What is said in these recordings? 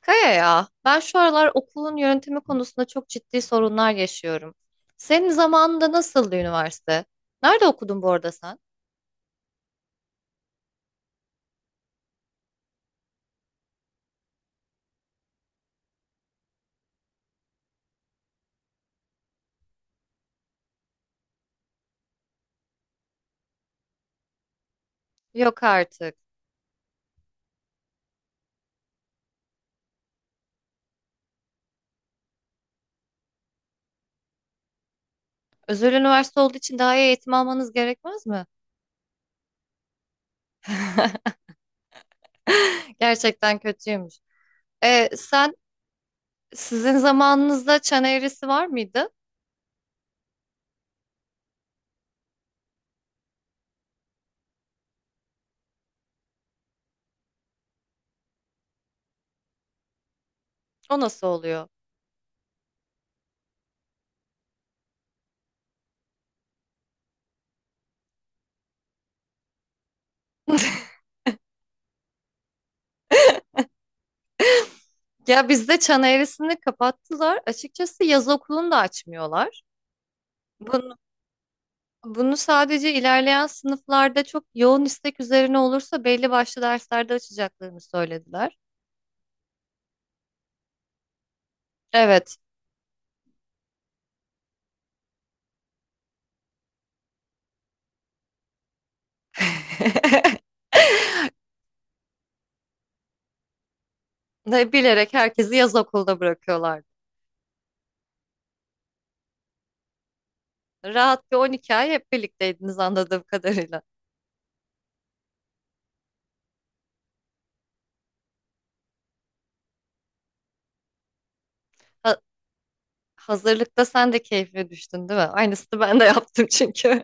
Kaya ya, ben şu aralar okulun yönetimi konusunda çok ciddi sorunlar yaşıyorum. Senin zamanında nasıldı üniversite? Nerede okudun bu arada sen? Yok artık. Özel üniversite olduğu için daha iyi eğitim almanız gerekmez mi? Gerçekten kötüymüş. E, sen sizin zamanınızda çan eğrisi var mıydı? O nasıl oluyor? Ya bizde çan eğrisini kapattılar. Açıkçası yaz okulunu da açmıyorlar. Bunu Bunu sadece ilerleyen sınıflarda çok yoğun istek üzerine olursa belli başlı derslerde açacaklarını söylediler. Evet. Ne bilerek herkesi yaz okulda bırakıyorlardı. Rahat bir 12 ay hep birlikteydiniz anladığım kadarıyla. Ha- Hazırlıkta sen de keyfine düştün değil mi? Aynısını ben de yaptım çünkü.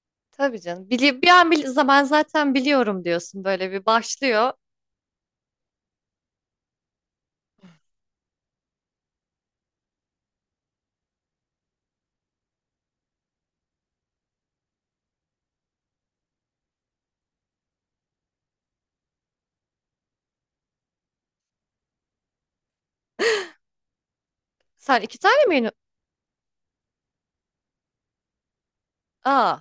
Tabii canım. Bir an bil zaman zaten biliyorum diyorsun, böyle bir başlıyor. Sen iki tane mi? Aa,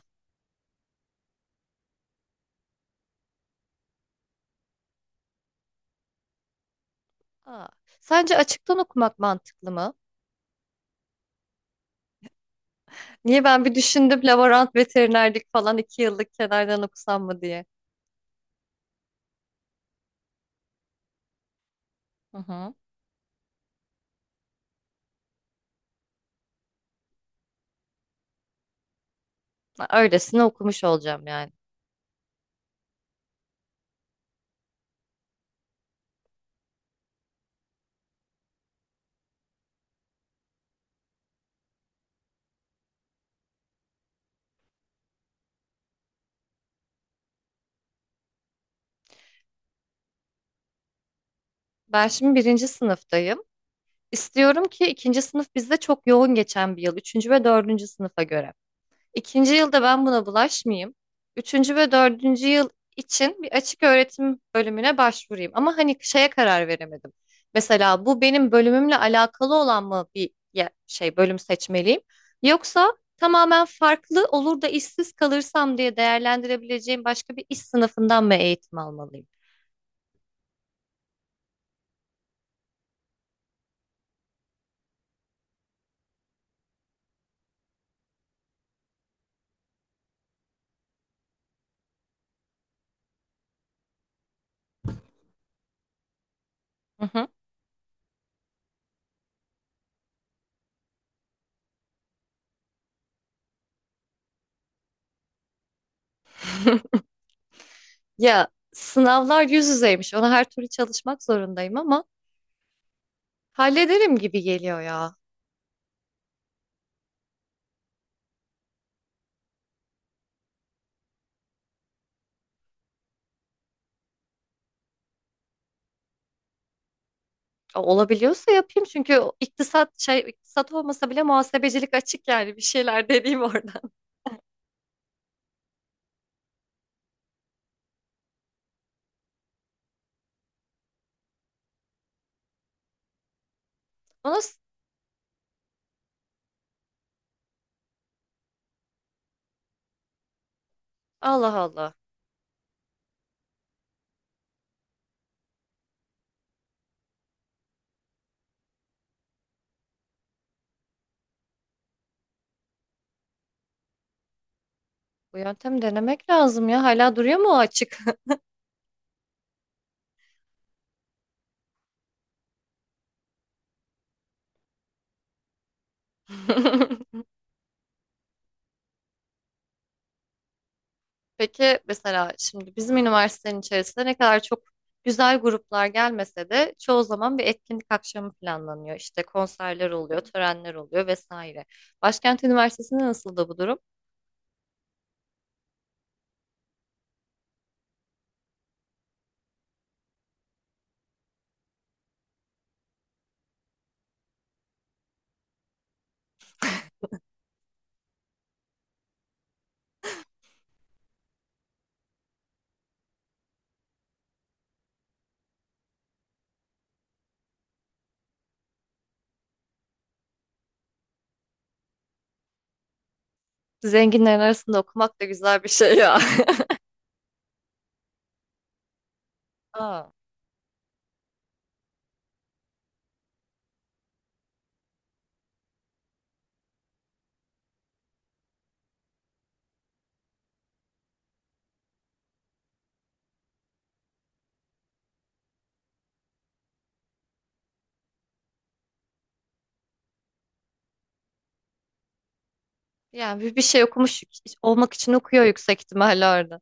aa. Sence açıktan okumak mantıklı mı? Niye ben bir düşündüm, laborant veterinerlik falan iki yıllık kenardan okusam mı diye. Hı hı. Ben öylesine okumuş olacağım yani. Ben şimdi birinci sınıftayım. İstiyorum ki ikinci sınıf bizde çok yoğun geçen bir yıl, üçüncü ve dördüncü sınıfa göre. İkinci yılda ben buna bulaşmayayım. Üçüncü ve dördüncü yıl için bir açık öğretim bölümüne başvurayım. Ama hani şeye karar veremedim. Mesela bu benim bölümümle alakalı olan mı bir şey bölüm seçmeliyim? Yoksa tamamen farklı olur da işsiz kalırsam diye değerlendirebileceğim başka bir iş sınıfından mı eğitim almalıyım? Hı hı. Ya sınavlar yüz yüzeymiş. Ona her türlü çalışmak zorundayım ama hallederim gibi geliyor ya. Olabiliyorsa yapayım çünkü o iktisat olmasa bile muhasebecilik açık yani bir şeyler dediğim orada. O nasıl- Allah Allah. Bu yöntemi denemek lazım ya. Hala duruyor mu o açık? Peki mesela şimdi bizim üniversitenin içerisinde ne kadar çok güzel gruplar gelmese de çoğu zaman bir etkinlik akşamı planlanıyor. İşte konserler oluyor, törenler oluyor vesaire. Başkent Üniversitesi'nde nasıl da bu durum? Zenginlerin arasında okumak da güzel bir şey ya. Aa. Yani bir şey okumuş olmak için okuyor yüksek ihtimalle orada.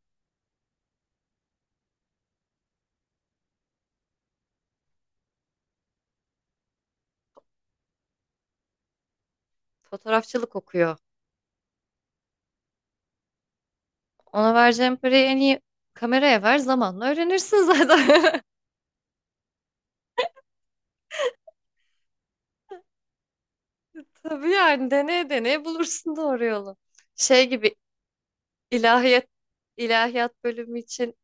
Fotoğrafçılık okuyor. Ona vereceğin parayı en iyi kameraya ver, zamanla öğrenirsin zaten. Tabii yani deneye deneye bulursun doğru yolu. Şey gibi ilahiyat ilahiyat bölümü için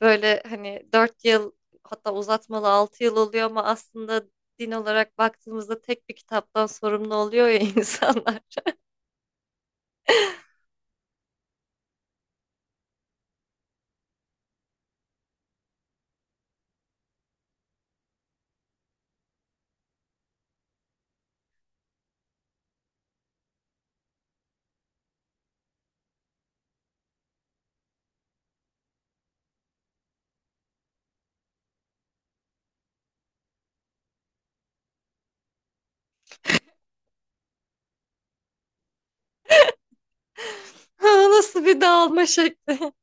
böyle hani 4 yıl, hatta uzatmalı 6 yıl oluyor ama aslında din olarak baktığımızda tek bir kitaptan sorumlu oluyor ya insanlar. Ha, nasıl bir dağılma şekli.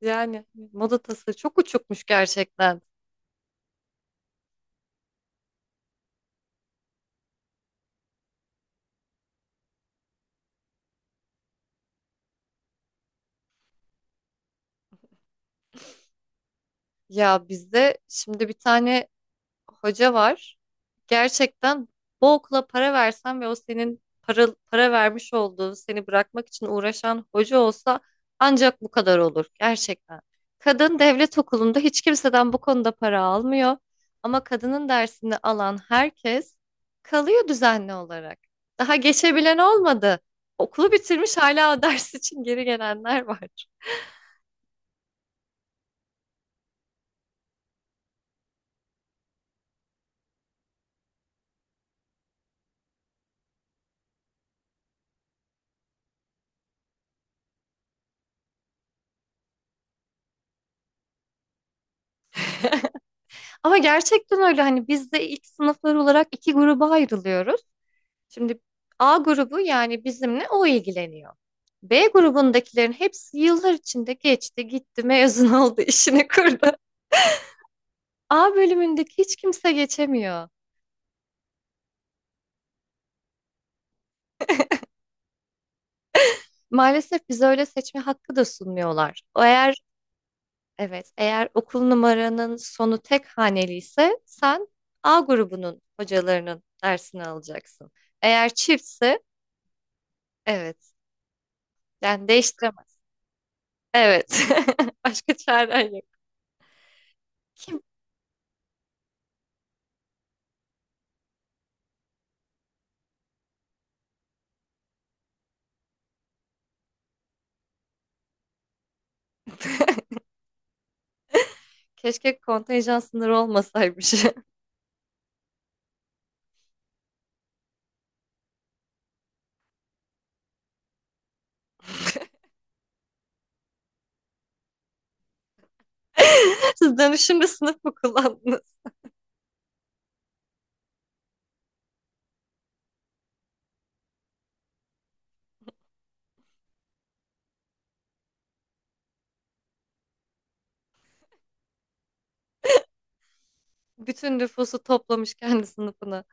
Yani moda tasarı çok uçukmuş gerçekten. Ya bizde şimdi bir tane hoca var. Gerçekten bu okula para versen ve o senin para vermiş olduğu, seni bırakmak için uğraşan hoca olsa, ancak bu kadar olur gerçekten. Kadın devlet okulunda hiç kimseden bu konuda para almıyor. Ama kadının dersini alan herkes kalıyor düzenli olarak. Daha geçebilen olmadı. Okulu bitirmiş hala o ders için geri gelenler var. Ama gerçekten öyle, hani biz de ilk sınıflar olarak iki gruba ayrılıyoruz. Şimdi A grubu, yani bizimle o ilgileniyor. B grubundakilerin hepsi yıllar içinde geçti, gitti, mezun oldu, işini kurdu. A bölümündeki hiç kimse geçemiyor. Maalesef bize öyle seçme hakkı da sunmuyorlar. Evet, eğer okul numaranın sonu tek haneli ise sen A grubunun hocalarının dersini alacaksın. Eğer çiftse, evet, yani değiştiremezsin. Evet. Başka çaren yok. Kim? Keşke kontenjan sınırı olmasaymış. Siz dönüşümde sınıf mı kullandınız? Bütün nüfusu toplamış kendi sınıfına.